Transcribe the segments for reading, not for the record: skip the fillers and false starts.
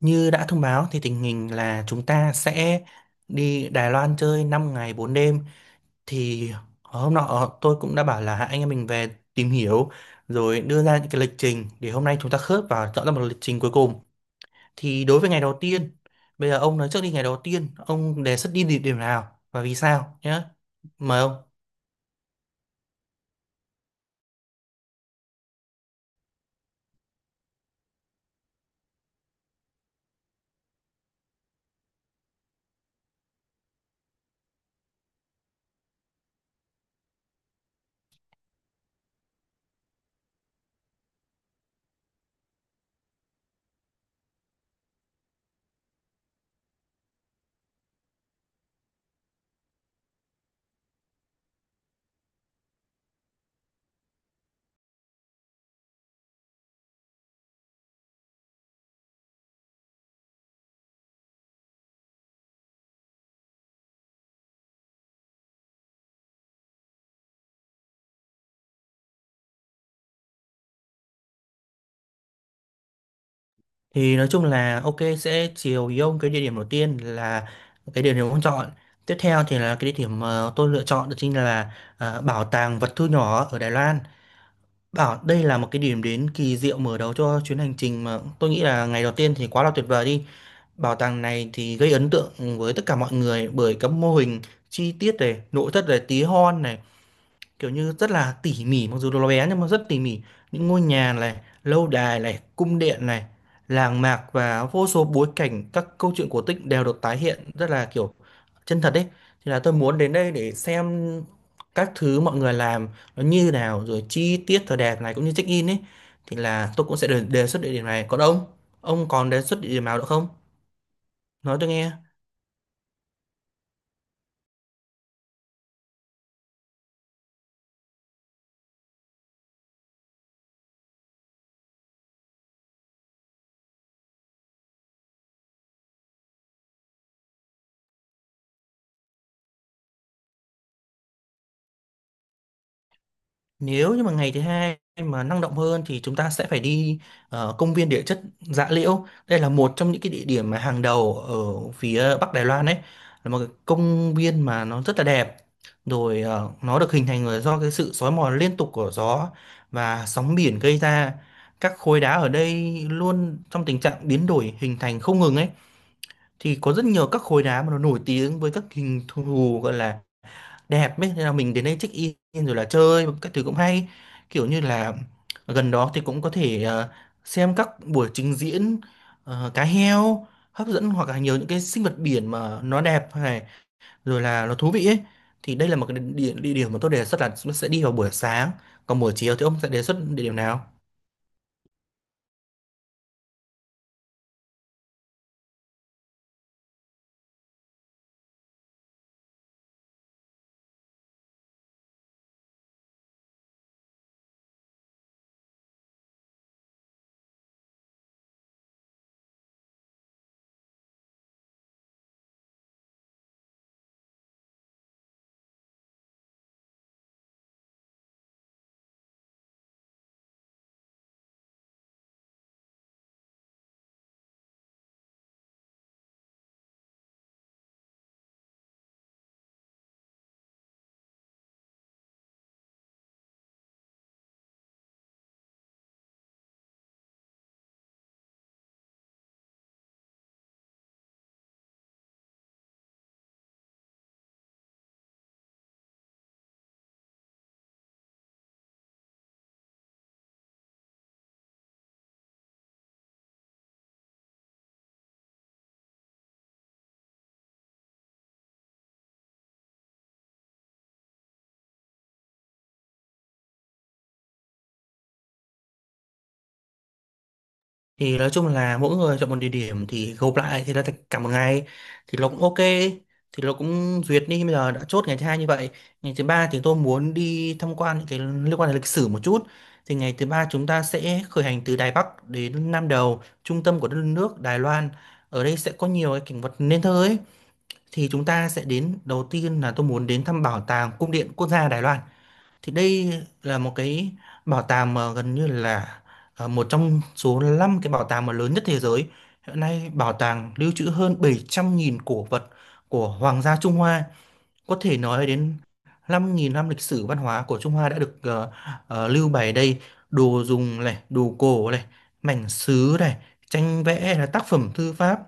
Như đã thông báo thì tình hình là chúng ta sẽ đi Đài Loan chơi 5 ngày 4 đêm, thì hôm nọ tôi cũng đã bảo là hai anh em mình về tìm hiểu rồi đưa ra những cái lịch trình để hôm nay chúng ta khớp và chọn ra một lịch trình cuối cùng. Thì đối với ngày đầu tiên, bây giờ ông nói trước đi, ngày đầu tiên ông đề xuất đi địa điểm nào và vì sao nhé. Mời ông. Thì nói chung là ok, sẽ chiều ý ông. Cái địa điểm đầu tiên là cái địa điểm ông chọn. Tiếp theo thì là cái địa điểm tôi lựa chọn đó chính là bảo tàng vật thu nhỏ ở Đài Loan. Bảo đây là một cái điểm đến kỳ diệu mở đầu cho chuyến hành trình mà tôi nghĩ là ngày đầu tiên thì quá là tuyệt vời đi. Bảo tàng này thì gây ấn tượng với tất cả mọi người bởi các mô hình chi tiết này, nội thất này, tí hon này, kiểu như rất là tỉ mỉ, mặc dù nó bé nhưng mà rất tỉ mỉ. Những ngôi nhà này, lâu đài này, cung điện này, làng mạc, và vô số bối cảnh các câu chuyện cổ tích đều được tái hiện rất là kiểu chân thật đấy. Thì là tôi muốn đến đây để xem các thứ mọi người làm nó như nào, rồi chi tiết thời đẹp này cũng như check in ấy. Thì là tôi cũng sẽ đề xuất địa điểm này. Còn ông còn đề xuất địa điểm nào nữa không, nói tôi nghe. Nếu như mà ngày thứ hai mà năng động hơn thì chúng ta sẽ phải đi công viên địa chất Dạ Liễu. Đây là một trong những cái địa điểm mà hàng đầu ở phía Bắc Đài Loan đấy. Là một cái công viên mà nó rất là đẹp. Rồi nó được hình thành là do cái sự xói mòn liên tục của gió và sóng biển gây ra. Các khối đá ở đây luôn trong tình trạng biến đổi hình thành không ngừng ấy. Thì có rất nhiều các khối đá mà nó nổi tiếng với các hình thù gọi là đẹp ấy, thế là mình đến đây check in rồi là chơi các thứ cũng hay, kiểu như là gần đó thì cũng có thể xem các buổi trình diễn cá heo hấp dẫn, hoặc là nhiều những cái sinh vật biển mà nó đẹp này, rồi là nó thú vị ấy. Thì đây là một cái địa điểm mà tôi đề xuất là sẽ đi vào buổi sáng. Còn buổi chiều thì ông sẽ đề xuất địa điểm nào? Thì nói chung là mỗi người chọn một địa điểm thì gộp lại thì là thành cả một ngày, thì nó cũng ok, thì nó cũng duyệt đi. Bây giờ đã chốt ngày thứ hai như vậy. Ngày thứ ba thì tôi muốn đi tham quan những cái liên quan đến lịch sử một chút. Thì ngày thứ ba chúng ta sẽ khởi hành từ Đài Bắc đến Nam Đầu, trung tâm của đất nước Đài Loan. Ở đây sẽ có nhiều cái cảnh vật nên thơ ấy. Thì chúng ta sẽ đến đầu tiên là tôi muốn đến thăm bảo tàng cung điện quốc gia Đài Loan. Thì đây là một cái bảo tàng mà gần như là một trong số 5 cái bảo tàng mà lớn nhất thế giới. Hiện nay bảo tàng lưu trữ hơn 700.000 cổ vật của Hoàng gia Trung Hoa. Có thể nói đến 5.000 năm lịch sử văn hóa của Trung Hoa đã được lưu bày ở đây. Đồ dùng này, đồ cổ này, mảnh sứ này, tranh vẽ, là tác phẩm thư pháp,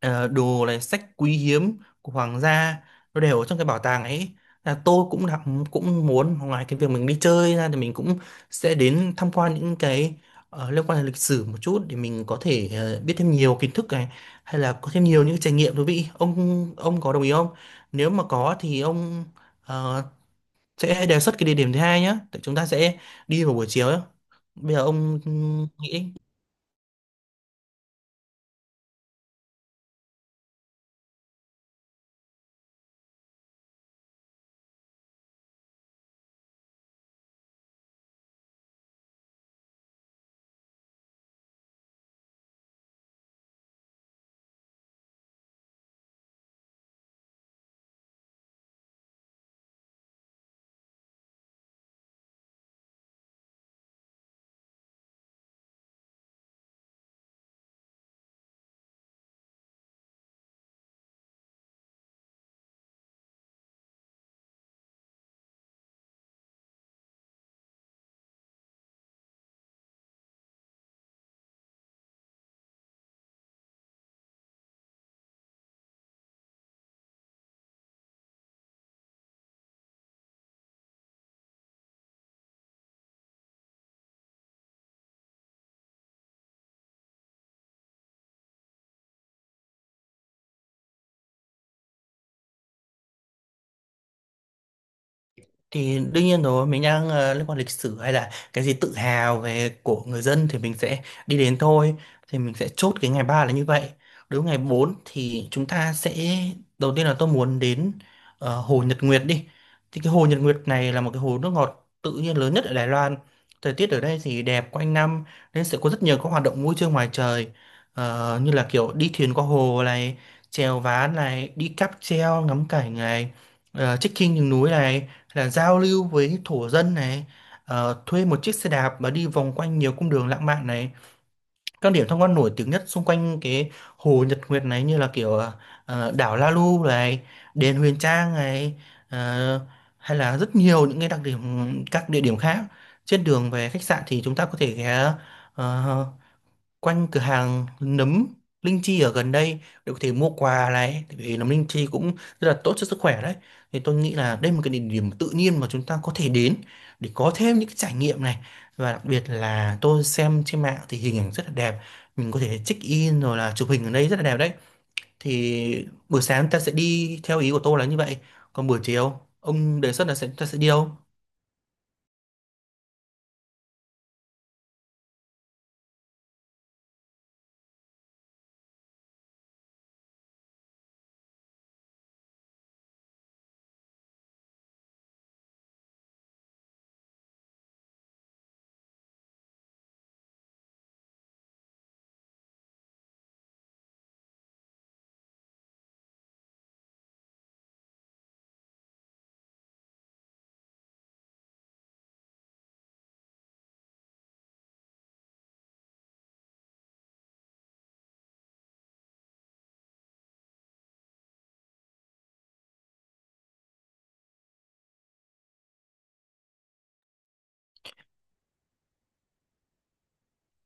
đồ này, sách quý hiếm của hoàng gia nó đều ở trong cái bảo tàng ấy. Là tôi cũng đã cũng muốn ngoài cái việc mình đi chơi ra thì mình cũng sẽ đến tham quan những cái liên quan đến lịch sử một chút để mình có thể biết thêm nhiều kiến thức này, hay là có thêm nhiều những trải nghiệm thú vị. Ông có đồng ý không? Nếu mà có thì ông ờ, sẽ đề xuất cái địa điểm thứ hai nhé. Chúng ta sẽ đi vào buổi chiều ấy. Bây giờ ông nghĩ. Thì đương nhiên rồi, mình đang liên quan lịch sử hay là cái gì tự hào về của người dân thì mình sẽ đi đến thôi. Thì mình sẽ chốt cái ngày 3 là như vậy. Đối với ngày 4 thì chúng ta sẽ đầu tiên là tôi muốn đến hồ Nhật Nguyệt đi. Thì cái hồ Nhật Nguyệt này là một cái hồ nước ngọt tự nhiên lớn nhất ở Đài Loan. Thời tiết ở đây thì đẹp quanh năm nên sẽ có rất nhiều các hoạt động vui chơi ngoài trời. Như là kiểu đi thuyền qua hồ này, chèo ván này, đi cáp treo ngắm cảnh này, trekking những núi này, là giao lưu với thổ dân này, thuê một chiếc xe đạp mà đi vòng quanh nhiều cung đường lãng mạn này. Các điểm tham quan nổi tiếng nhất xung quanh cái hồ Nhật Nguyệt này như là kiểu đảo La Lu này, đền Huyền Trang này, ờ, hay là rất nhiều những cái đặc điểm, các địa điểm khác. Trên đường về khách sạn thì chúng ta có thể ghé ờ, quanh cửa hàng nấm linh chi ở gần đây để có thể mua quà này, tại vì nấm linh chi cũng rất là tốt cho sức khỏe đấy. Thì tôi nghĩ là đây là một cái địa điểm tự nhiên mà chúng ta có thể đến để có thêm những cái trải nghiệm này. Và đặc biệt là tôi xem trên mạng thì hình ảnh rất là đẹp, mình có thể check in rồi là chụp hình ở đây rất là đẹp đấy. Thì buổi sáng ta sẽ đi theo ý của tôi là như vậy. Còn buổi chiều ông đề xuất là ta sẽ đi đâu?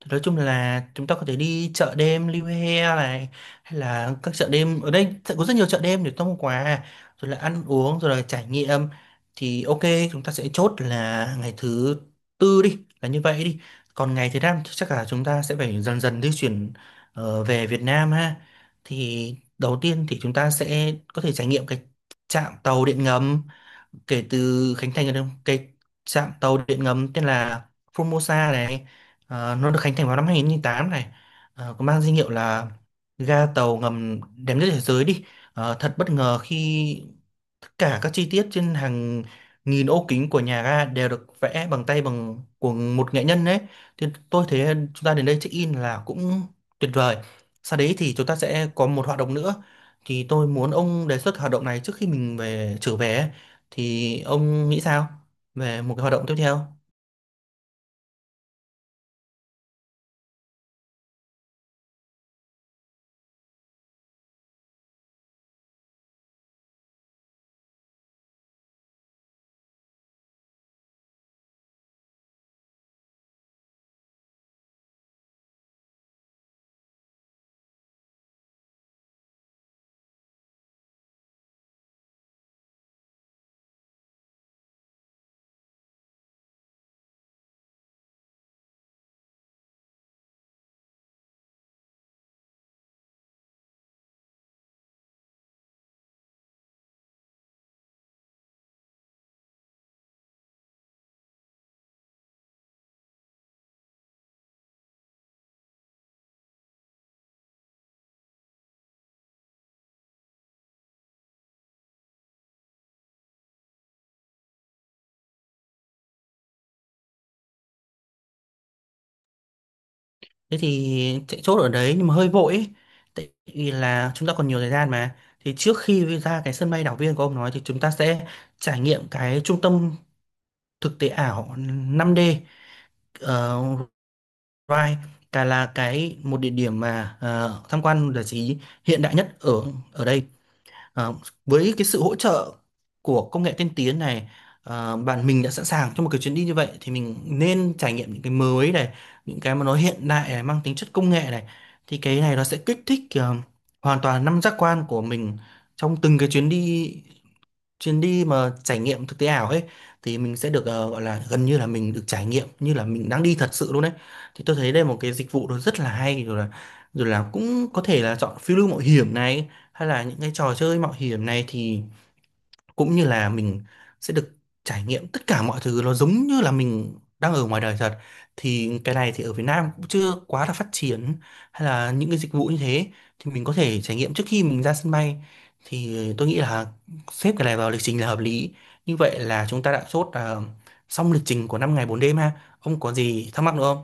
Nói chung là chúng ta có thể đi chợ đêm Liu He này, hay là các chợ đêm ở đây sẽ có rất nhiều chợ đêm để mua quà, rồi là ăn uống rồi là trải nghiệm. Thì ok, chúng ta sẽ chốt là ngày thứ tư đi là như vậy đi. Còn ngày thứ năm thì chắc là chúng ta sẽ phải dần dần di chuyển về Việt Nam ha. Thì đầu tiên thì chúng ta sẽ có thể trải nghiệm cái trạm tàu điện ngầm kể từ khánh thành ở cái trạm tàu điện ngầm tên là Formosa này. Nó được khánh thành vào năm 2008 này. Có mang danh hiệu là ga tàu ngầm đẹp nhất thế giới đi. Thật bất ngờ khi tất cả các chi tiết trên hàng nghìn ô kính của nhà ga đều được vẽ bằng tay bằng của một nghệ nhân đấy. Thì tôi thấy chúng ta đến đây check in là cũng tuyệt vời. Sau đấy thì chúng ta sẽ có một hoạt động nữa. Thì tôi muốn ông đề xuất hoạt động này trước khi mình trở về. Thì ông nghĩ sao về một cái hoạt động tiếp theo? Thế thì chạy chốt ở đấy nhưng mà hơi vội ấy. Tại vì là chúng ta còn nhiều thời gian mà, thì trước khi ra cái sân bay đảo viên của ông nói thì chúng ta sẽ trải nghiệm cái trung tâm thực tế ảo 5D ở Ride. Cả là cái một địa điểm mà tham quan giải trí hiện đại nhất ở ở đây. Ờ, với cái sự hỗ trợ của công nghệ tiên tiến này, bạn mình đã sẵn sàng cho một cái chuyến đi như vậy thì mình nên trải nghiệm những cái mới này, những cái mà nó hiện đại này, mang tính chất công nghệ này. Thì cái này nó sẽ kích thích hoàn toàn năm giác quan của mình trong từng cái chuyến đi, chuyến đi mà trải nghiệm thực tế ảo ấy. Thì mình sẽ được gọi là gần như là mình được trải nghiệm như là mình đang đi thật sự luôn đấy. Thì tôi thấy đây là một cái dịch vụ nó rất là hay, rồi là cũng có thể là chọn phiêu lưu mạo hiểm này, hay là những cái trò chơi mạo hiểm này, thì cũng như là mình sẽ được trải nghiệm tất cả mọi thứ nó giống như là mình đang ở ngoài đời thật. Thì cái này thì ở Việt Nam cũng chưa quá là phát triển hay là những cái dịch vụ như thế. Thì mình có thể trải nghiệm trước khi mình ra sân bay. Thì tôi nghĩ là xếp cái này vào lịch trình là hợp lý. Như vậy là chúng ta đã chốt là xong lịch trình của 5 ngày 4 đêm ha. Ông có gì thắc mắc nữa không?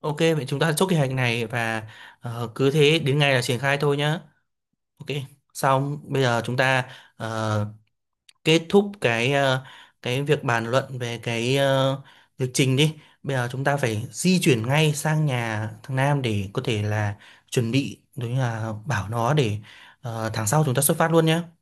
Ok, vậy chúng ta chốt kế hoạch này và cứ thế đến ngày là triển khai thôi nhá. Ok, xong bây giờ chúng ta ờ, kết thúc cái cái việc bàn luận về cái lịch trình đi. Bây giờ chúng ta phải di chuyển ngay sang nhà thằng Nam để có thể là chuẩn bị, đối là bảo nó để tháng sau chúng ta xuất phát luôn nhé.